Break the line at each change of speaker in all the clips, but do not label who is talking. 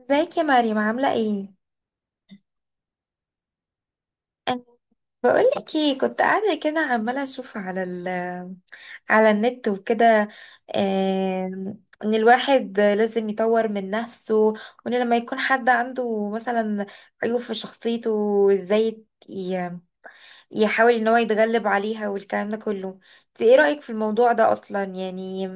ازيك يا مريم، عاملة ايه؟ أنا بقولك ايه، كنت قاعدة كده عمالة اشوف على النت وكده. ان الواحد لازم يطور من نفسه، وان لما يكون حد عنده مثلا عيوب في شخصيته، ازاي يحاول ان هو يتغلب عليها والكلام ده كله. انت ايه رأيك في الموضوع ده اصلا؟ يعني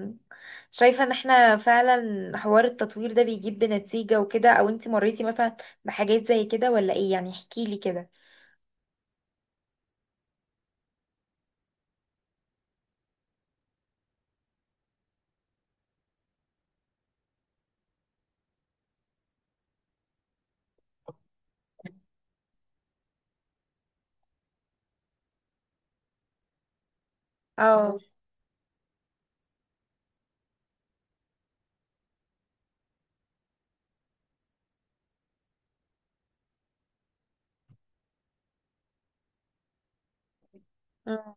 شايفة ان احنا فعلا حوار التطوير ده بيجيب بنتيجة وكده، او انت مريتي مثلا بحاجات زي كده ولا ايه؟ يعني احكي لي كده. اه. أمم،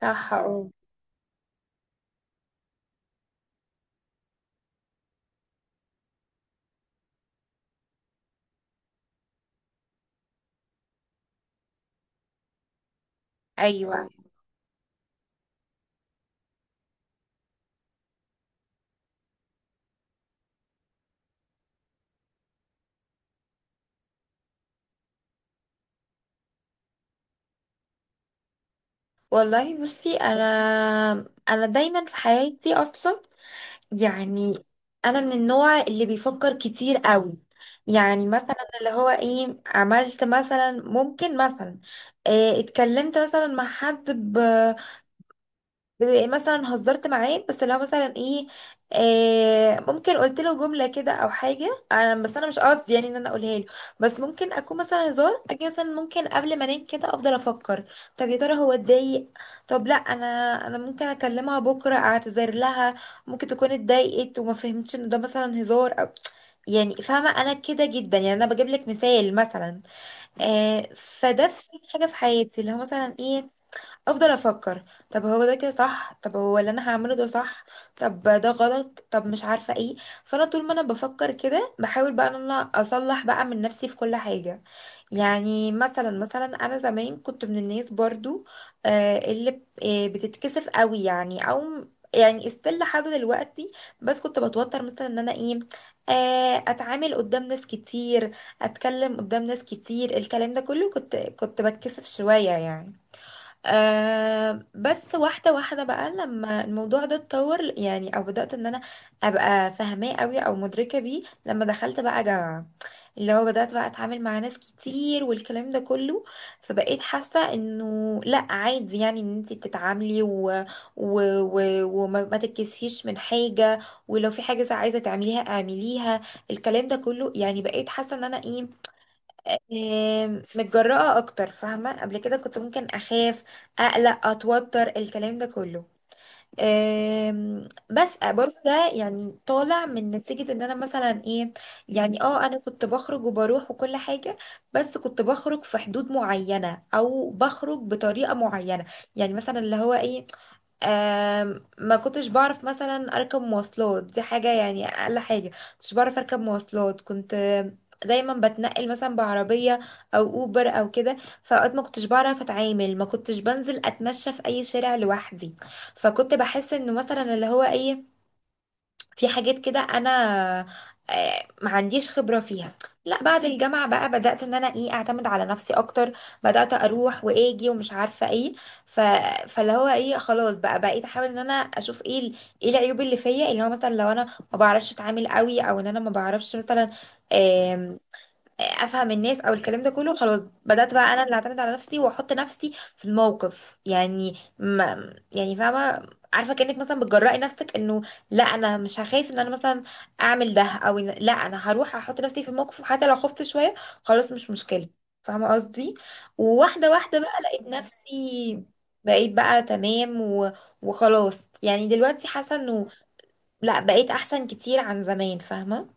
صح، اه. ايوه. والله بصي، انا دايما في حياتي اصلا، يعني انا من النوع اللي بيفكر كتير قوي. يعني مثلا اللي هو ايه، عملت مثلا، ممكن مثلا اتكلمت مثلا مع حد، بيبقى إيه مثلا هزرت معاه، بس لو مثلا ايه ممكن قلت له جمله كده او حاجه. بس انا مش قصدي يعني ان انا اقولها له، بس ممكن اكون مثلا هزار. اجي مثلا ممكن قبل ما انام كده افضل افكر، طب يا ترى هو اتضايق؟ طب لا، انا ممكن اكلمها بكره اعتذر لها، ممكن تكون اتضايقت وما فهمتش ان ده مثلا هزار، أو يعني فاهمه انا كده جدا. يعني انا بجيب لك مثال مثلا. فده في حاجه في حياتي اللي هو مثلا ايه، افضل افكر طب هو ده كده صح؟ طب هو اللي انا هعمله ده صح؟ طب ده غلط؟ طب مش عارفه ايه. فانا طول ما انا بفكر كده بحاول بقى ان انا اصلح بقى من نفسي في كل حاجه. يعني مثلا انا زمان كنت من الناس برضو اللي بتتكسف قوي يعني، او يعني استيل لحد دلوقتي، بس كنت بتوتر مثلا ان انا ايه اتعامل قدام ناس كتير، اتكلم قدام ناس كتير، الكلام ده كله كنت بتكسف شويه يعني. بس واحدة واحدة بقى لما الموضوع ده اتطور، يعني او بدأت ان انا ابقى فاهماه قوي او مدركة بيه لما دخلت بقى جامعة، اللي هو بدأت بقى اتعامل مع ناس كتير والكلام ده كله. فبقيت حاسة انه لا عادي، يعني ان انتي بتتعاملي و... وما ما تتكسفيش من حاجة، ولو في حاجة عايزة تعمليها اعمليها، الكلام ده كله. يعني بقيت حاسة ان انا ايه، متجرأة أكتر، فاهمة؟ قبل كده كنت ممكن أخاف، أقلق، أتوتر، الكلام ده كله. بس برضه ده يعني طالع من نتيجة إن أنا مثلا إيه. يعني أنا كنت بخرج وبروح وكل حاجة، بس كنت بخرج في حدود معينة أو بخرج بطريقة معينة. يعني مثلا اللي هو إيه ما كنتش بعرف مثلا اركب مواصلات، دي حاجة يعني، اقل حاجة كنتش بعرف اركب مواصلات. كنت دايما بتنقل مثلا بعربية او اوبر او كده، فاوقات ما كنتش بعرف اتعامل، ما كنتش بنزل اتمشى في اي شارع لوحدي. فكنت بحس انه مثلا اللي هو ايه، في حاجات كده انا ما عنديش خبرة فيها. لا، بعد الجامعة بقى بدأت ان انا ايه اعتمد على نفسي اكتر، بدأت اروح واجي ومش عارفة ايه. ف... فاللي هو ايه خلاص بقى، بقيت احاول ان انا اشوف ايه ايه العيوب اللي فيا، اللي هو مثلا لو انا ما بعرفش اتعامل قوي، او ان انا ما بعرفش مثلا افهم الناس او الكلام ده كله. خلاص بدات بقى انا اللي اعتمد على نفسي واحط نفسي في الموقف، يعني ما يعني فاهمه، عارفه كانك مثلا بتجرأي نفسك انه لا، انا مش هخاف ان انا مثلا اعمل ده، او إن لا، انا هروح احط نفسي في الموقف وحتى لو خفت شويه، خلاص مش مشكله. فاهمه قصدي؟ وواحده واحده بقى لقيت نفسي، بقيت بقى تمام، وخلاص يعني دلوقتي حاسه انه لا، بقيت احسن كتير عن زمان، فاهمه؟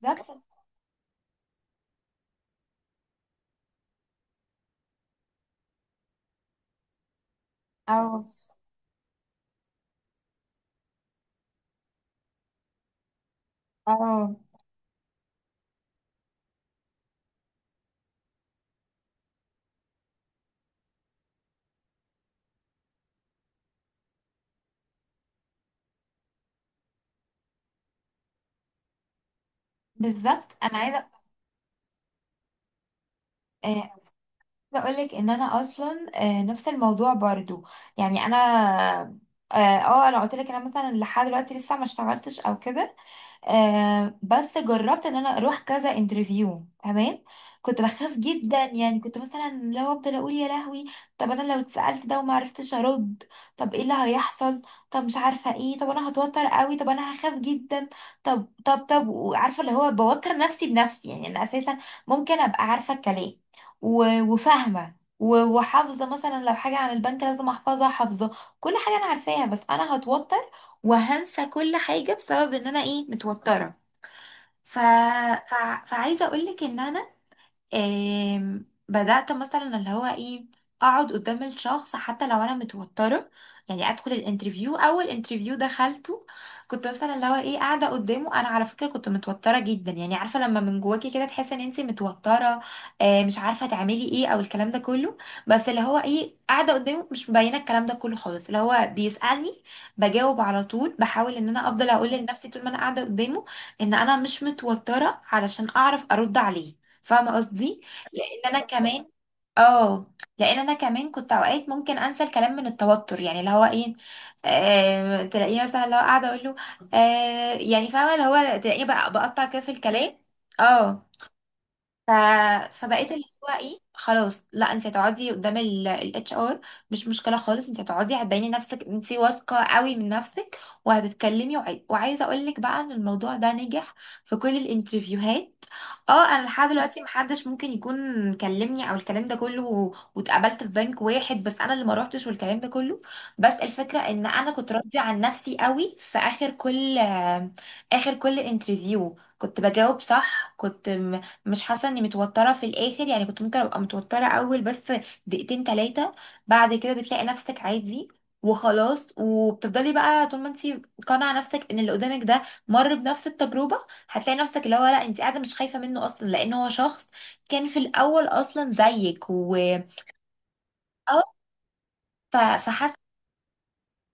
بالظبط، اه اه، بالظبط، انا عايزه عايزه اقول لك ان انا اصلا نفس الموضوع برضو. يعني انا اه آه، انا قلت لك، انا مثلا لحد دلوقتي لسه ما اشتغلتش او كده، بس جربت ان انا اروح كذا انترفيو، تمام؟ كنت بخاف جدا يعني، كنت مثلا لو افضل اقول يا لهوي، طب انا لو اتسالت ده وما عرفتش ارد، طب ايه اللي هيحصل، طب مش عارفه ايه، طب انا هتوتر قوي، طب انا هخاف جدا. طب وعارفه اللي هو بوتر نفسي بنفسي، يعني انا اساسا ممكن ابقى عارفه الكلام وفاهمه وحافظه، مثلا لو حاجه عن البنك لازم احفظها حافظه، كل حاجه انا عارفاها، بس انا هتوتر وهنسى كل حاجة بسبب ان انا ايه متوترة. ف... ف... فعايزة اقولك ان انا بدأت مثلا اللي هو ايه اقعد قدام الشخص حتى لو انا متوترة. يعني ادخل الانترفيو، اول انترفيو دخلته كنت مثلا اللي هو ايه قاعدة قدامه، انا على فكرة كنت متوترة جدا، يعني عارفة لما من جواكي كده تحسي ان انتي متوترة، مش عارفة تعملي ايه او الكلام ده كله، بس اللي هو ايه قاعدة قدامه مش مبينة الكلام ده كله خالص. اللي هو بيسألني بجاوب على طول، بحاول ان انا افضل اقول لنفسي طول ما انا قاعدة قدامه ان انا مش متوترة علشان اعرف ارد عليه، فاهمه قصدي؟ لان انا كمان اه لان انا كمان كنت اوقات ممكن انسى الكلام من التوتر، يعني اللي هو ايه، تلاقيه مثلا اللي هو قاعده اقول له، يعني فاهمه اللي هو تلاقيه بقى بقطع كده في الكلام. اه. ف... فبقيت اللي هو ايه، خلاص لا، انت هتقعدي قدام الاتش ار، مش مشكله خالص، انت هتقعدي هتبيني نفسك انت واثقه قوي من نفسك وهتتكلمي. وعايزه اقول لك بقى ان الموضوع ده نجح في كل الانترفيوهات. اه، انا لحد دلوقتي محدش ممكن يكون كلمني او الكلام ده كله، واتقابلت في بنك واحد بس انا اللي ما روحتش والكلام ده كله. بس الفكره ان انا كنت راضيه عن نفسي قوي، في اخر كل انترفيو كنت بجاوب صح، كنت مش حاسه اني متوتره في الاخر، يعني كنت ممكن ابقى متوتره اول بس دقيقتين تلاتة، بعد كده بتلاقي نفسك عادي وخلاص. وبتفضلي بقى طول ما انت قانعه نفسك ان اللي قدامك ده مر بنفس التجربه، هتلاقي نفسك اللي هو لا، انت قاعده مش خايفه منه اصلا لان هو شخص كان في الاول اصلا زيك اه. ف- فحاسه.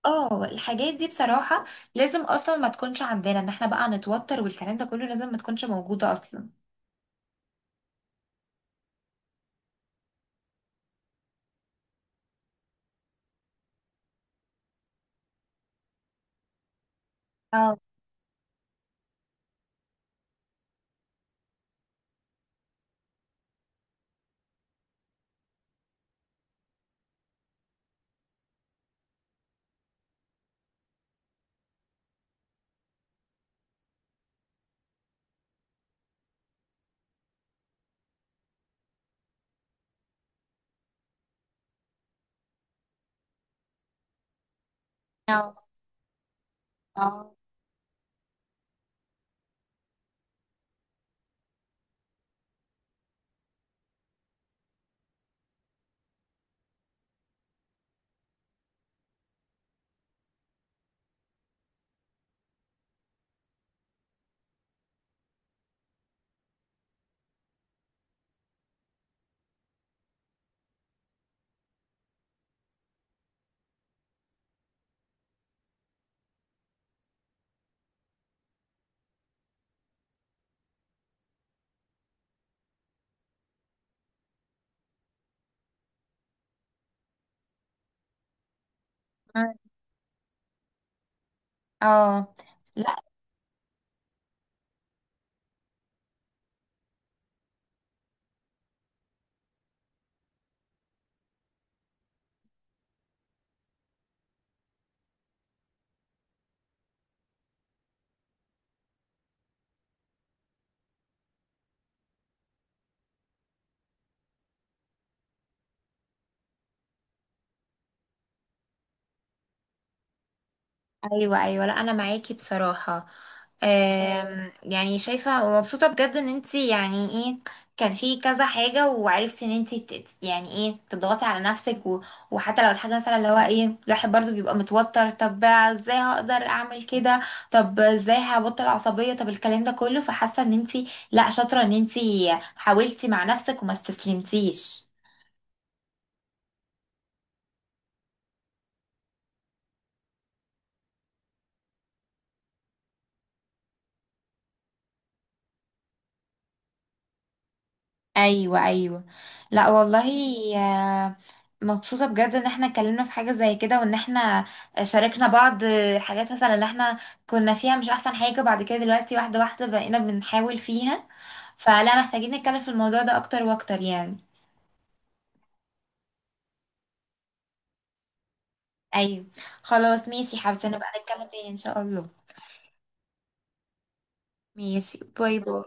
اه، الحاجات دي بصراحه لازم اصلا ما تكونش عندنا، ان احنا بقى نتوتر والكلام ده كله، لازم ما تكونش موجوده اصلا. اه اه اه اه، ايوه ايوه، لا انا معاكي بصراحه. اه، يعني شايفه ومبسوطه بجد ان انتي يعني ايه، كان في كذا حاجه وعرفتي ان انتي يعني ايه تضغطي على نفسك، وحتى لو الحاجه مثلا اللي هو ايه الواحد برضو بيبقى متوتر، طب ازاي هقدر اعمل كده، طب ازاي هبطل العصبيه، طب الكلام ده كله. فحاسه ان انتي لا، شاطره ان انتي حاولتي مع نفسك وما استسلمتيش. ايوه ايوه، لا والله، آه، مبسوطه بجد ان احنا اتكلمنا في حاجه زي كده، وان احنا شاركنا بعض حاجات مثلا اللي احنا كنا فيها، مش احسن حاجه، بعد كده دلوقتي واحده واحده بقينا بنحاول فيها، فلا محتاجين نتكلم في الموضوع ده اكتر واكتر يعني. ايوه. خلاص، ماشي، حابه نبقى نتكلم تاني ان شاء الله. ماشي. باي باي.